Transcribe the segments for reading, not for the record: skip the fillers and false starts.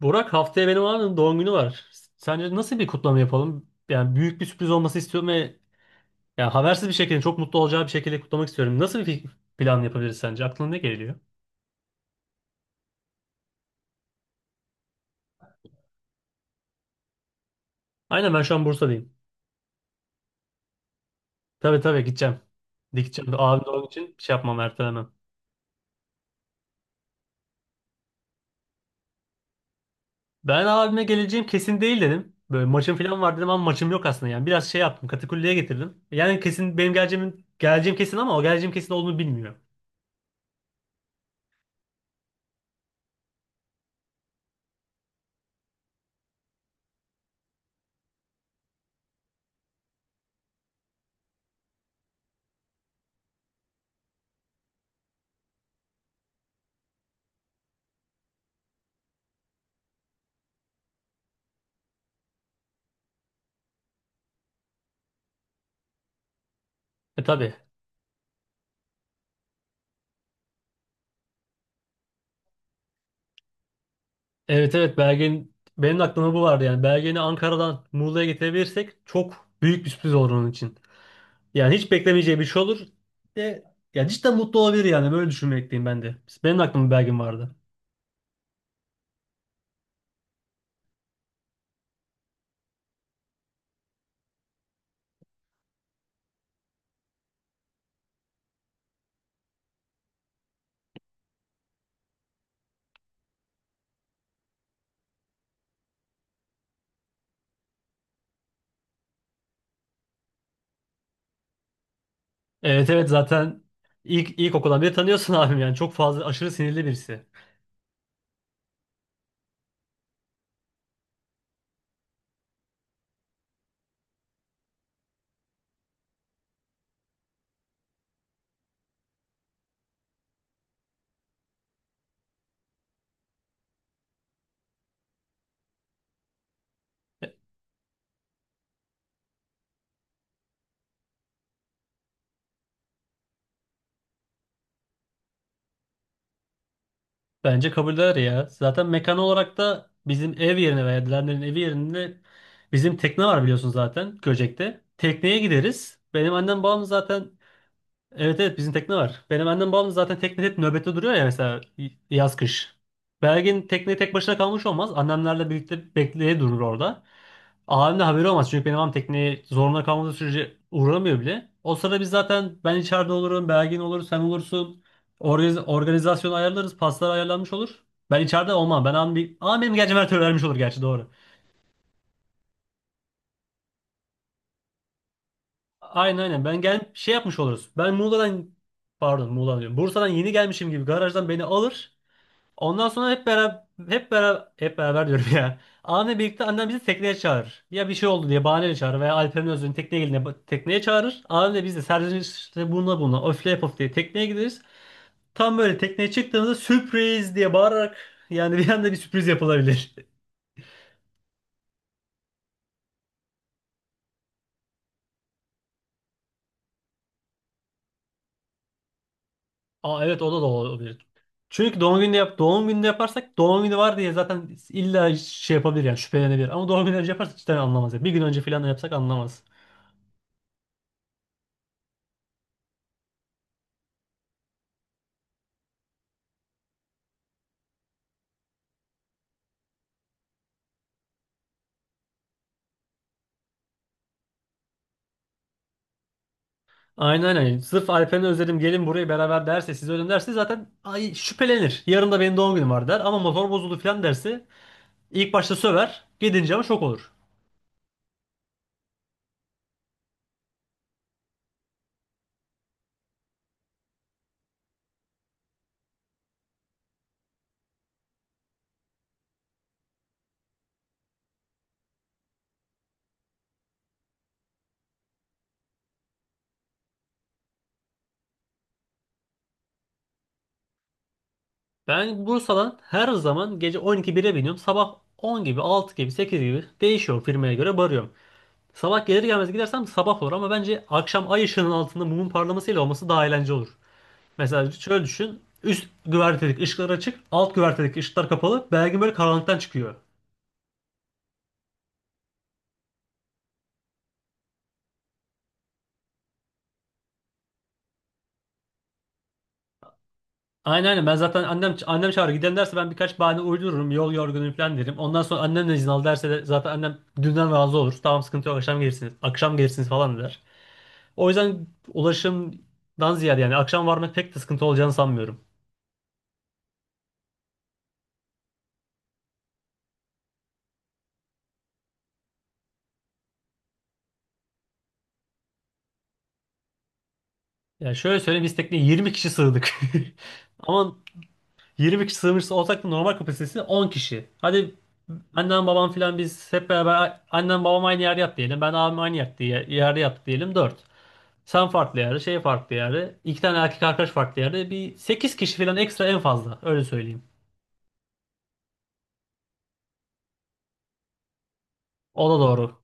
Burak haftaya benim abim doğum günü var. Sence nasıl bir kutlama yapalım? Yani büyük bir sürpriz olması istiyorum ve yani habersiz bir şekilde çok mutlu olacağı bir şekilde kutlamak istiyorum. Nasıl bir plan yapabiliriz sence? Aklına ne geliyor? Aynen ben şu an Bursa'dayım. Tabii tabii gideceğim. Gideceğim. Abim doğum için şey yapmam, ertelemem. Ben abime geleceğim kesin değil dedim. Böyle maçım falan var dedim ama maçım yok aslında yani. Biraz şey yaptım, katakulliye getirdim. Yani kesin benim geleceğim, geleceğim kesin ama o geleceğim kesin olduğunu bilmiyor. E tabii. Evet evet, Belge'nin, benim de aklımda bu vardı yani. Belge'ni Ankara'dan Muğla'ya getirebilirsek çok büyük bir sürpriz olur onun için. Yani hiç beklemeyeceği bir şey olur. De, ya cidden mutlu olabilir yani, böyle düşünmekteyim ben de. Benim de aklımda Belge'm vardı. Evet evet zaten ilkokuldan beri tanıyorsun abim yani çok fazla aşırı sinirli birisi. Bence kabul eder ya. Zaten mekan olarak da bizim ev yerine veya Dilenler'in evi yerinde bizim tekne var biliyorsun zaten Göcek'te. Tekneye gideriz. Benim annem babam zaten. Evet evet bizim tekne var. Benim annem babam da zaten tekne hep nöbette duruyor ya mesela, yaz kış. Belgin tekneye tek başına kalmış olmaz. Annemlerle birlikte bekleye durur orada. Abim de haberi olmaz. Çünkü benim abim tekneye zorunda kalmadığı sürece uğramıyor bile. O sırada biz zaten ben içeride olurum, Belgin olur, sen olursun. Organizasyonu ayarlarız, paslar ayarlanmış olur. Ben içeride olmam. Ben abim bir... Ama benim gerçi vermiş olur gerçi, doğru. Aynen aynen. Ben gel şey yapmış oluruz. Ben Muğla'dan, pardon, Muğla diyorum, Bursa'dan yeni gelmişim gibi garajdan beni alır. Ondan sonra hep beraber diyorum ya. Anne birlikte annem bizi tekneye çağırır. Ya bir şey oldu diye bahaneyle çağırır veya Alper'in özünün tekneye geline tekneye çağırır. Annem de biz de serzenişte bununla öfle yapıp diye tekneye gideriz. Tam böyle tekneye çıktığımızda sürpriz diye bağırarak yani bir anda bir sürpriz yapılabilir. Aa evet, o da olabilir. Çünkü doğum gününde yaparsak doğum günü var diye zaten illa şey yapabilir yani şüphelenebilir. Ama doğum günü önce yaparsak hiç de anlamaz ya. Bir gün önce falan da yapsak anlamaz. Aynen aynen. Sırf Alperen'i özledim, gelin buraya beraber derse, sizi özledim derse zaten, ay, şüphelenir. Yarın da benim doğum günüm var der ama motor bozuldu falan derse ilk başta söver. Gidince ama şok olur. Ben Bursa'dan her zaman gece 12-1'e biniyorum. Sabah 10 gibi, 6 gibi, 8 gibi değişiyor, firmaya göre varıyorum. Sabah gelir gelmez gidersem sabah olur ama bence akşam ay ışığının altında mumun parlamasıyla olması daha eğlenceli olur. Mesela şöyle düşün. Üst güvertedeki ışıklar açık, alt güvertedeki ışıklar kapalı. Belki böyle karanlıktan çıkıyor. Aynen aynen, ben zaten annem çağırır gidelim derse ben birkaç bahane uydururum, yol yorgunum falan derim. Ondan sonra annem de izin al derse de zaten annem dünden razı olur. Tamam sıkıntı yok, akşam gelirsiniz, akşam gelirsiniz falan der. O yüzden ulaşımdan ziyade yani akşam varmak pek de sıkıntı olacağını sanmıyorum. Yani şöyle söyleyeyim, biz tekneye 20 kişi sığdık. Ama 20 kişi sığmış olsak da normal kapasitesi 10 kişi. Hadi annem babam falan biz hep beraber, annem babam aynı yerde yat diyelim, ben abim aynı yerde, yerde yat diyelim, 4. Sen farklı yerde, şey farklı yerde, iki tane erkek arkadaş farklı yerde. Bir 8 kişi falan ekstra en fazla. Öyle söyleyeyim. O da doğru.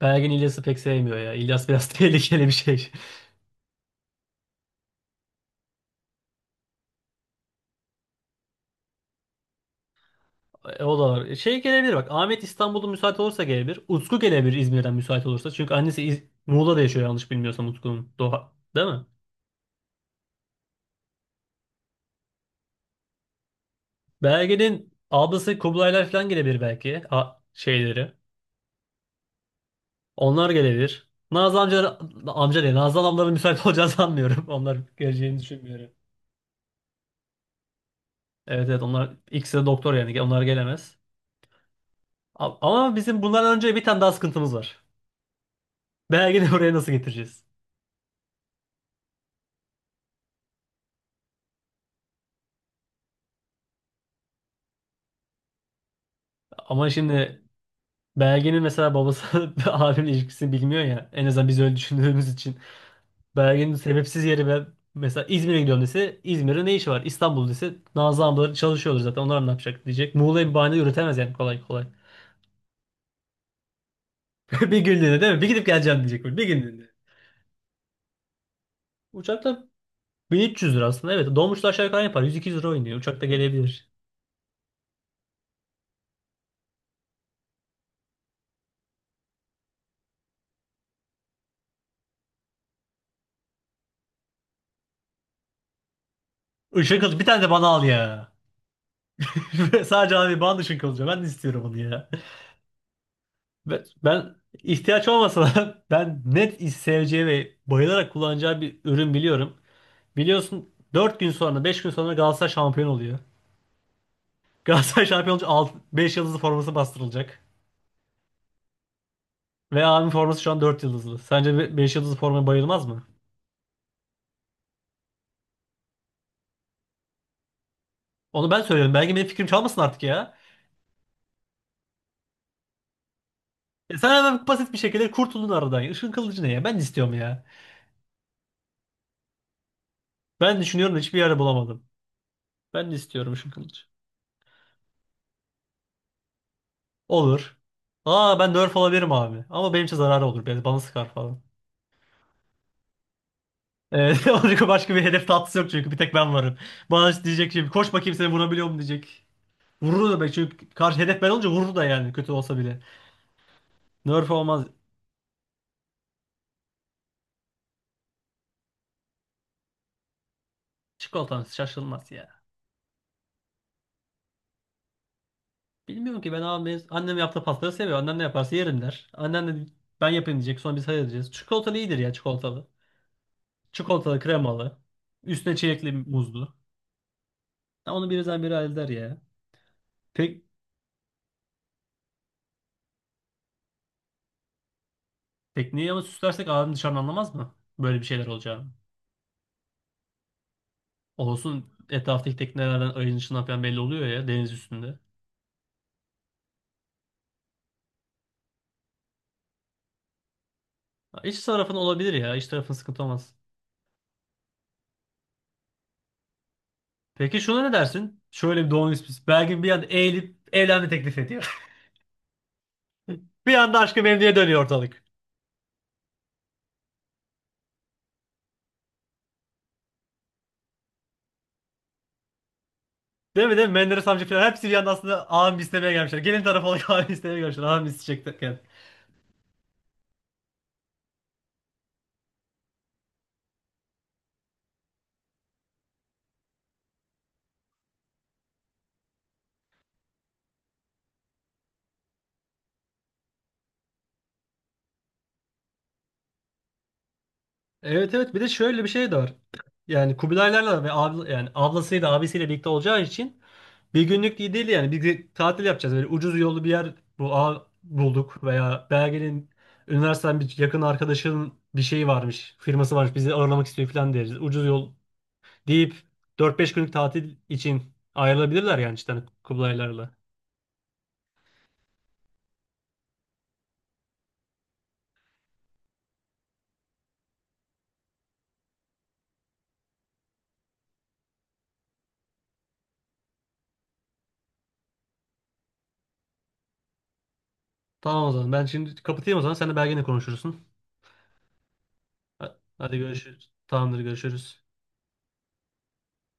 Belgin İlyas'ı pek sevmiyor ya. İlyas biraz tehlikeli bir şey. E, o da var. E, şey gelebilir bak. Ahmet İstanbul'da müsait olursa gelebilir. Utku gelebilir İzmir'den müsait olursa. Çünkü annesi Muğla'da yaşıyor yanlış bilmiyorsam Utku'nun. Doğa. Değil mi? Belgen'in ablası Kublaylar falan gelebilir belki. Şeyleri. Onlar gelebilir. Nazlı amca, amca değil, Nazlı ablaların müsait olacağını sanmıyorum. Onlar geleceğini düşünmüyorum. Evet evet, onlar ikisi de doktor yani, onlar gelemez. Ama bizim bundan önce bir tane daha sıkıntımız var. Belgin'i oraya nasıl getireceğiz? Ama şimdi belgenin mesela babası abimle ilişkisini bilmiyor ya. En azından biz öyle düşündüğümüz için. Belgenin sebepsiz yeri ve mesela İzmir'e gidiyorum dese, İzmir'de ne işi var? İstanbul dese, Nazlı ablaları çalışıyordur zaten, onlar ne yapacak diyecek. Muğla'ya bir bahane üretemez yani kolay kolay. Bir günlüğüne değil mi? Bir gidip geleceğim diyecek, böyle, bir günlüğüne. Uçakta 1300 lira aslında, evet. Dolmuşlar aşağı yukarı yapar, 100-200 lira oynuyor. Uçakta gelebilir. Işın kılıcı bir tane de bana al ya. Sadece abi bana ışın kılıcı. Ben de istiyorum onu ya. Ben ihtiyaç olmasa da ben net seveceği ve bayılarak kullanacağı bir ürün biliyorum. Biliyorsun 4 gün sonra, 5 gün sonra Galatasaray şampiyon oluyor. Galatasaray şampiyon olunca beş yıldızlı forması bastırılacak. Ve abim forması şu an 4 yıldızlı. Sence 5 yıldızlı formaya bayılmaz mı? Onu ben söylüyorum. Belki benim fikrim çalmasın artık ya. E sen hemen basit bir şekilde kurtuldun aradan. Işın kılıcı ne ya? Ben de istiyorum ya. Ben düşünüyorum da hiçbir yerde bulamadım. Ben de istiyorum ışın kılıcı. Olur. Aa ben nerf olabilirim abi. Ama benim için zararı olur. Beni bana sıkar falan. Evet, başka başka bir hedef tatlısı yok çünkü bir tek ben varım. Bana işte diyecek şimdi, koş bakayım seni vurabiliyor mu diyecek. Vurur da belki çünkü karşı hedef ben olunca vurur da yani, kötü olsa bile. Nerf olmaz. Çikolatan şaşılmaz ya. Bilmiyorum ki ben abi, annem yaptığı pastaları seviyor. Annem ne yaparsa yerim der. Annem de ben yapayım diyecek, sonra biz hayır diyeceğiz. Çikolatalı iyidir ya, çikolatalı. Çikolatalı kremalı. Üstüne çilekli muzlu. Ya onu birden biri halleder ya. Pek. Tekneyi ama süslersek adam dışarıdan anlamaz mı, böyle bir şeyler olacağını? Olsun, etraftaki teknelerden, ayın ışığından falan belli oluyor ya deniz üstünde. Ha, İç tarafın olabilir ya. İç tarafın sıkıntı olmaz. Peki şuna ne dersin? Şöyle bir doğum ismi. Belki bir anda eğilip evlenme teklif ediyor. Bir anda aşkı memnuniyete dönüyor ortalık. Değil mi, değil mi? Menderes amca falan hepsi bir anda aslında ağam istemeye gelmişler. Gelin tarafı olarak ağam istemeye gelmişler. Ağam isteyecekken. Evet evet, bir de şöyle bir şey de var. Yani Kubilaylarla ve abla, yani ablasıyla abisiyle birlikte olacağı için bir günlük iyi değil yani. Bir tatil yapacağız. Böyle ucuz yollu bir yer bu a bulduk veya Belge'nin üniversiteden bir yakın arkadaşının bir şeyi varmış, firması varmış, bizi ağırlamak istiyor falan deriz. Ucuz yol deyip dört beş günlük tatil için ayrılabilirler yani, işte hani Kubilaylarla. Tamam o zaman. Ben şimdi kapatayım o zaman. Sen de Belge'yle konuşursun. Hadi görüşürüz. Tamamdır, görüşürüz.